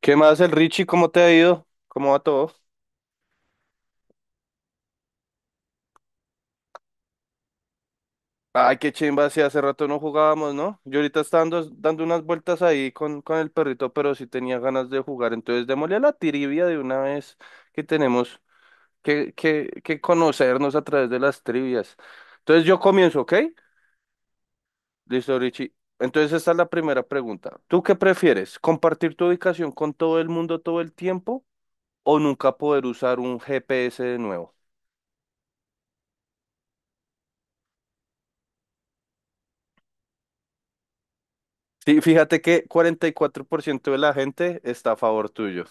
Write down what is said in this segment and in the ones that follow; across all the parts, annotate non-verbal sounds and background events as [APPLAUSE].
¿Qué más, el Richie? ¿Cómo te ha ido? ¿Cómo va todo? Ay, qué chimba, sí, hace rato no jugábamos, ¿no? Yo ahorita estaba dando unas vueltas ahí con el perrito, pero sí tenía ganas de jugar. Entonces, démosle a la trivia de una vez que tenemos que conocernos a través de las trivias. Entonces, yo comienzo, ¿ok? Listo, Richie. Entonces, esta es la primera pregunta. ¿Tú qué prefieres? ¿Compartir tu ubicación con todo el mundo todo el tiempo o nunca poder usar un GPS de nuevo? Sí, fíjate que 44% de la gente está a favor tuyo.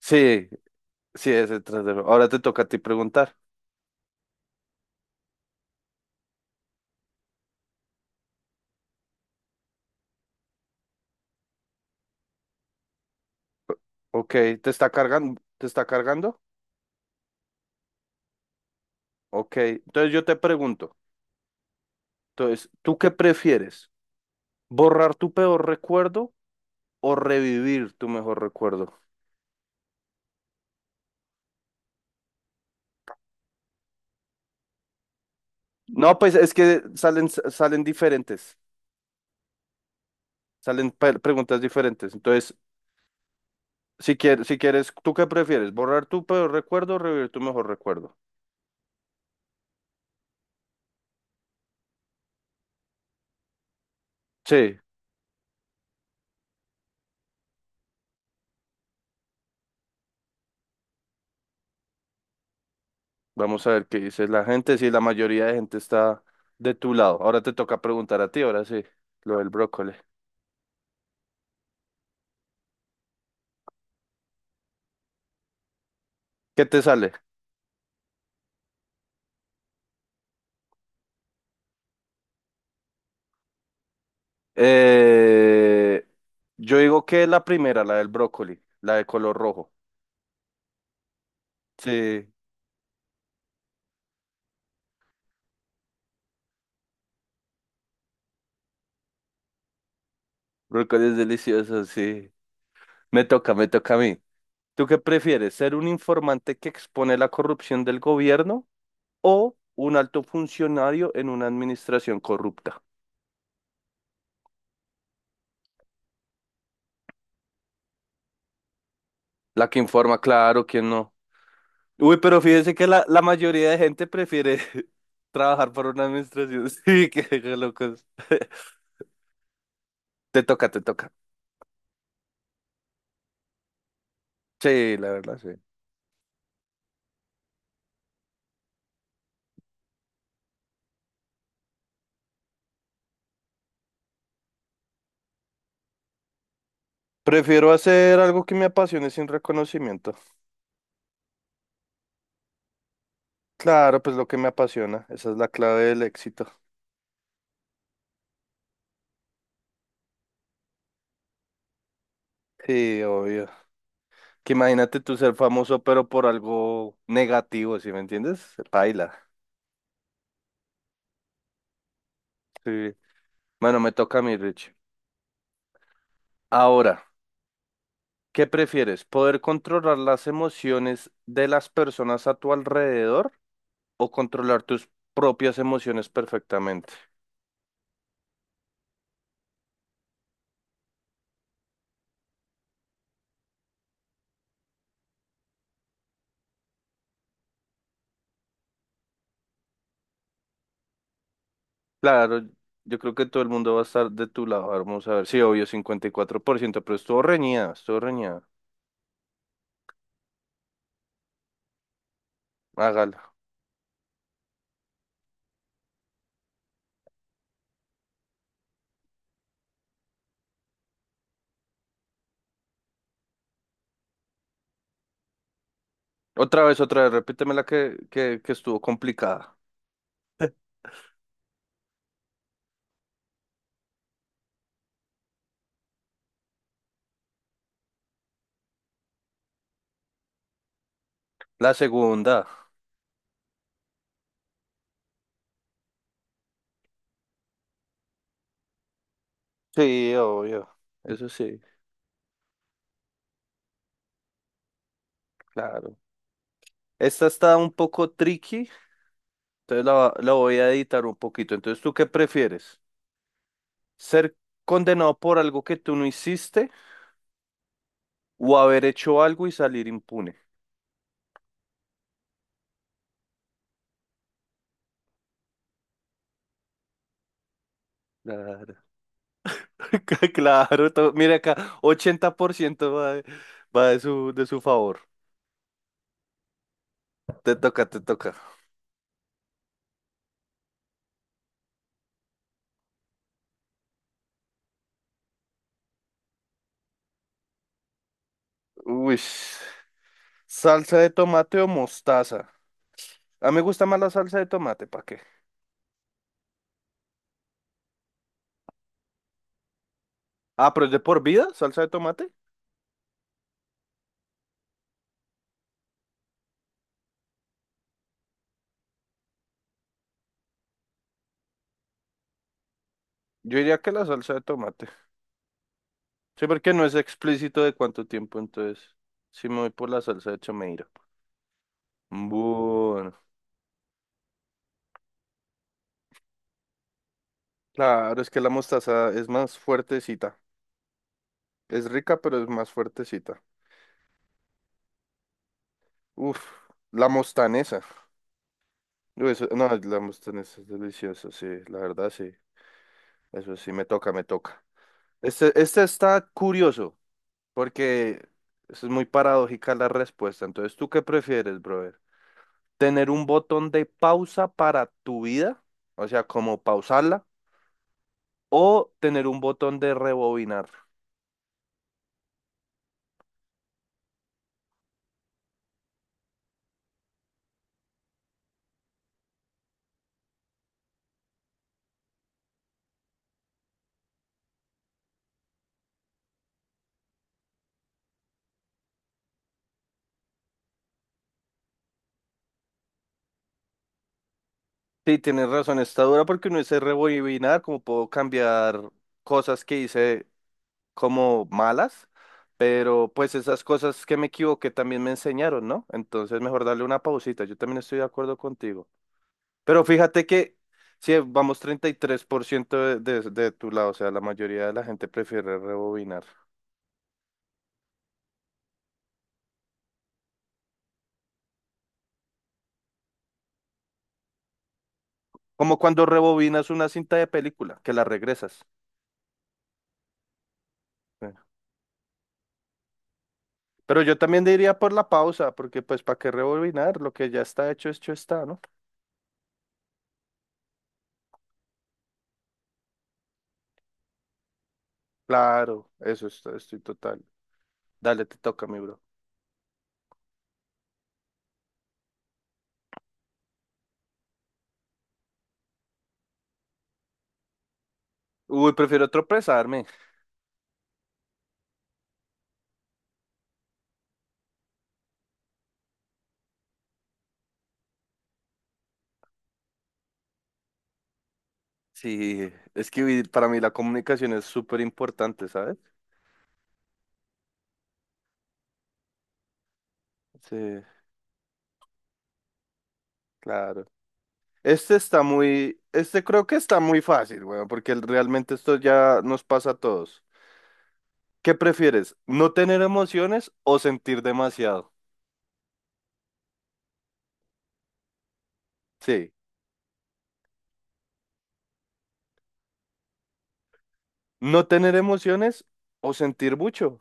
Sí, sí, es el trasero. Ahora te toca a ti preguntar. Ok, ¿te está cargando? ¿Te está cargando? Ok, entonces yo te pregunto. Entonces, ¿tú qué prefieres? ¿Borrar tu peor recuerdo o revivir tu mejor recuerdo? No, pues es que salen diferentes, salen preguntas diferentes. Entonces, si quieres, ¿tú qué prefieres? ¿Borrar tu peor recuerdo o revivir tu mejor recuerdo? Sí. Vamos a ver qué dice la gente, si la mayoría de gente está de tu lado. Ahora te toca preguntar a ti, ahora sí, lo del brócoli. ¿Qué te sale? Eh, yo digo que la primera, la del brócoli, la de color rojo. Sí, brócoli es delicioso, sí. Me toca a mí. ¿Tú qué prefieres? ¿Ser un informante que expone la corrupción del gobierno o un alto funcionario en una administración corrupta? La que informa, claro, ¿quién no? Uy, pero fíjense que la mayoría de gente prefiere [LAUGHS] trabajar por una administración. [LAUGHS] Sí, qué locos. [LAUGHS] Te toca. Sí, la verdad, sí. Prefiero hacer algo que me apasione sin reconocimiento. Claro, pues lo que me apasiona. Esa es la clave del éxito. Sí, obvio. Que imagínate tú ser famoso, pero por algo negativo, ¿sí me entiendes? Paila. Sí. Bueno, me toca a mí, Rich. Ahora, ¿qué prefieres? ¿Poder controlar las emociones de las personas a tu alrededor o controlar tus propias emociones perfectamente? Claro, yo creo que todo el mundo va a estar de tu lado. A ver, vamos a ver. Sí, obvio, 54%, pero estuvo reñida, estuvo reñida. Hágala. Otra vez, repíteme la que, que estuvo complicada. La segunda. Sí, obvio. Eso sí, claro. Esta está un poco tricky, entonces la voy a editar un poquito. Entonces, ¿tú qué prefieres? ¿Ser condenado por algo que tú no hiciste o haber hecho algo y salir impune? Claro. [LAUGHS] Claro, mira acá, 80% va va de de su favor. Te toca. Uy, salsa de tomate o mostaza. A mí me gusta más la salsa de tomate, ¿para qué? Ah, pero es de por vida, salsa de tomate. Yo diría que la salsa de tomate. Sí, porque no es explícito de cuánto tiempo, entonces sí me voy por la salsa de chomeira. Bueno, claro, es que la mostaza es más fuertecita. Es rica, pero es más fuertecita. Uf, la mostanesa. Uy, no, la Mustang es deliciosa, sí, la verdad, sí. Eso sí, me toca. Este está curioso, porque es muy paradójica la respuesta. Entonces, ¿tú qué prefieres, brother? ¿Tener un botón de pausa para tu vida? O sea, como pausarla, o tener un botón de rebobinar. Sí, tienes razón, está dura porque uno dice rebobinar, como puedo cambiar cosas que hice como malas, pero pues esas cosas que me equivoqué también me enseñaron, ¿no? Entonces mejor darle una pausita, yo también estoy de acuerdo contigo. Pero fíjate que si vamos 33% de tu lado, o sea, la mayoría de la gente prefiere rebobinar. Como cuando rebobinas una cinta de película, que la regresas. Sí. Pero yo también diría por la pausa, porque pues ¿para qué rebobinar? Lo que ya está hecho, hecho está, ¿no? Claro, eso está, estoy total. Dale, te toca, mi bro. Uy, prefiero tropezarme. Sí, es que para mí la comunicación es súper importante, ¿sabes? Sí, claro. Este está muy, este creo que está muy fácil, weón, porque realmente esto ya nos pasa a todos. ¿Qué prefieres? ¿No tener emociones o sentir demasiado? Sí, no tener emociones o sentir mucho.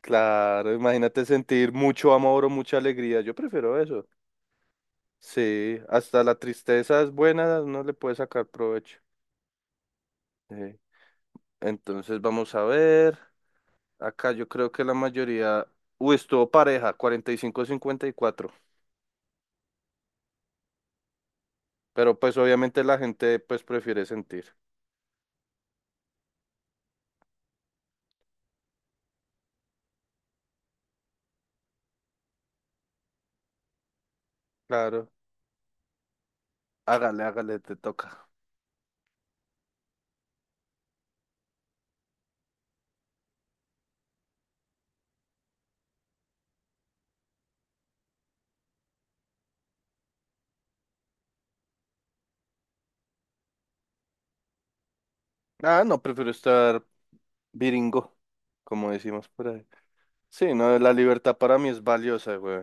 Claro, imagínate sentir mucho amor o mucha alegría. Yo prefiero eso. Sí, hasta la tristeza es buena, no le puede sacar provecho. Sí. Entonces vamos a ver. Acá yo creo que la mayoría, uy, estuvo pareja, 45 a 54, pero pues obviamente la gente pues prefiere sentir. Claro, hágale, te toca. Ah, no, prefiero estar viringo, como decimos por ahí. Sí, no, la libertad para mí es valiosa, güey.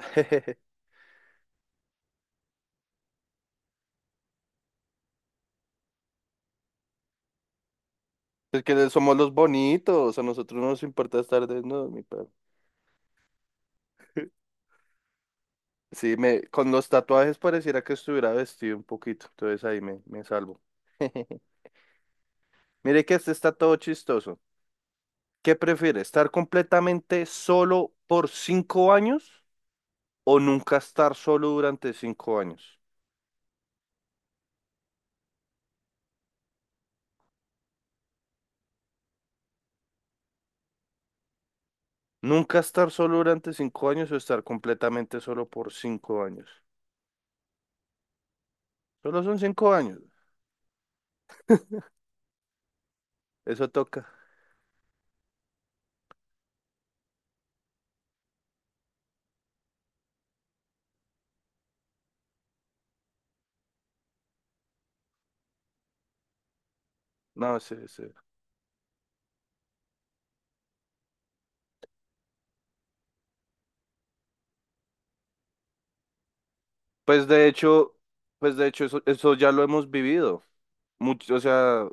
[LAUGHS] Es que somos los bonitos, a nosotros no nos importa estar desnudos, mi perro. [LAUGHS] Sí, con los tatuajes pareciera que estuviera vestido un poquito, entonces ahí me salvo. [LAUGHS] Mire que este está todo chistoso. ¿Qué prefiere? ¿Estar completamente solo por cinco años o nunca estar solo durante cinco años? Nunca estar solo durante cinco años o estar completamente solo por cinco años. Solo son cinco años. Eso toca. No, sí, sí. Pues de hecho, pues de hecho, eso ya lo hemos vivido. Mucho, o sea,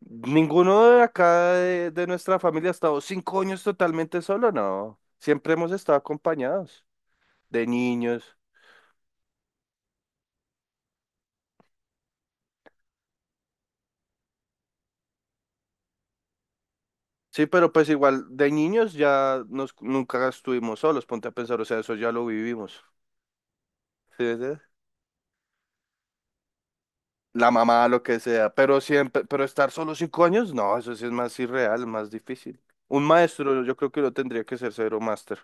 ninguno de acá de nuestra familia ha estado cinco años totalmente solo, no. Siempre hemos estado acompañados de niños. Sí, pero pues igual de niños ya nos, nunca estuvimos solos, ponte a pensar, o sea, eso ya lo vivimos. ¿Sí me entiendes? La mamá, lo que sea, pero siempre, pero estar solo cinco años, no, eso sí es más irreal, más difícil. Un maestro, yo creo que lo tendría que ser cero máster.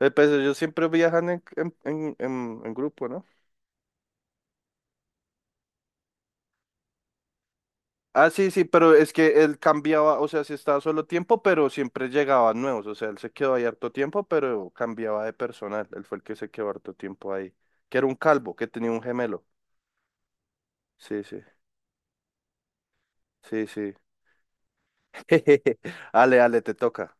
Pues ellos siempre viajan en grupo, ¿no? Ah, sí, sí, pero es que él cambiaba, o sea, sí estaba solo tiempo, pero siempre llegaban nuevos, o sea, él se quedó ahí harto tiempo, pero cambiaba de personal, él fue el que se quedó harto tiempo ahí, que era un calvo, que tenía un gemelo. Sí, sí. [LAUGHS] Ale, te toca.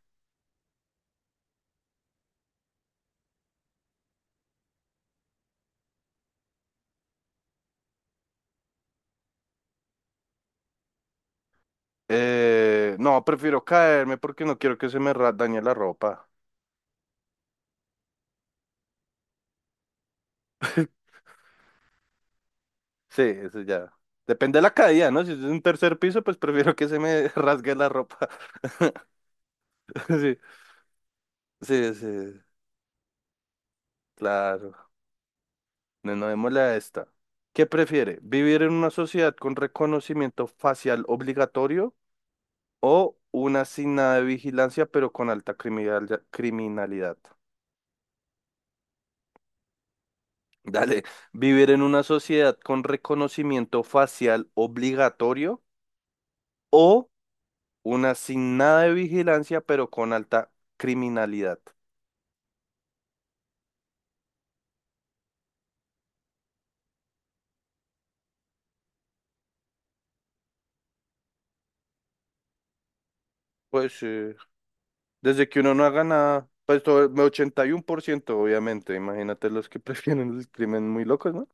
No, prefiero caerme porque no quiero que se me dañe la ropa. [LAUGHS] Sí, eso ya. Depende de la caída, ¿no? Si es un tercer piso, pues prefiero que se me [LAUGHS] rasgue la ropa. [LAUGHS] Sí, sí, sí, claro. No, no démosle a esta. ¿Qué prefiere? ¿Vivir en una sociedad con reconocimiento facial obligatorio o una sin nada de vigilancia, pero con alta criminalidad? Dale, vivir en una sociedad con reconocimiento facial obligatorio o una sin nada de vigilancia, pero con alta criminalidad. Pues desde que uno no haga nada, pues todo, 81% obviamente. Imagínate los que [LAUGHS] prefieren el crimen muy locos, ¿no?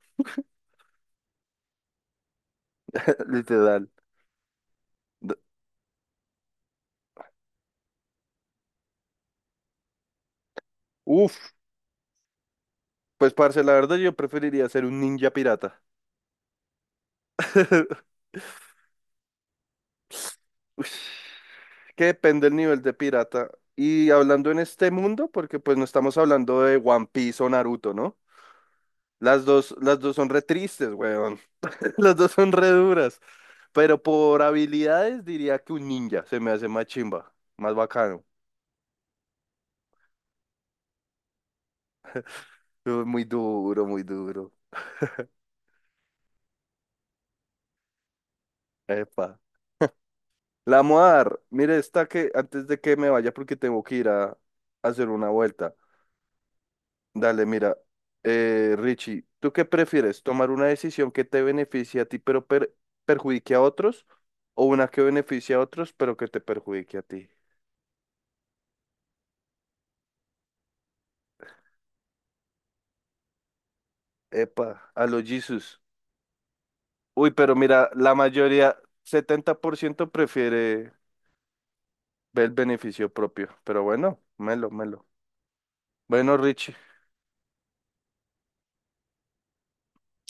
[LAUGHS] Literal. D- Uf, pues parce, la verdad yo preferiría ser un ninja pirata. [LAUGHS] Ush, que depende del nivel de pirata. Y hablando en este mundo, porque pues no estamos hablando de One Piece o Naruto, ¿no? Las dos son re tristes, weón. [LAUGHS] Las dos son re duras. Pero por habilidades diría que un ninja se me hace más chimba, más bacano. Muy duro, muy duro. Epa. La Moar, mire, esta que antes de que me vaya, porque tengo que ir a hacer una vuelta. Dale, mira, Richie, ¿tú qué prefieres? ¿Tomar una decisión que te beneficie a ti pero perjudique a otros? ¿O una que beneficie a otros pero que te perjudique a ti? Epa, a los Jesus. Uy, pero mira, la mayoría, 70% prefiere ver el beneficio propio. Pero bueno, melo, melo. Bueno, Richie.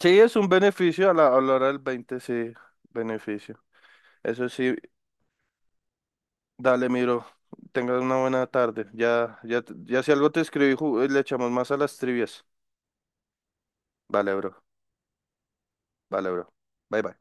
Sí, es un beneficio a la hora del 20, sí, beneficio. Eso sí, dale, mi bro. Tengas una buena tarde. Ya si algo te escribí, le echamos más a las trivias. Vale, bro. Vale, bro. Bye, bye.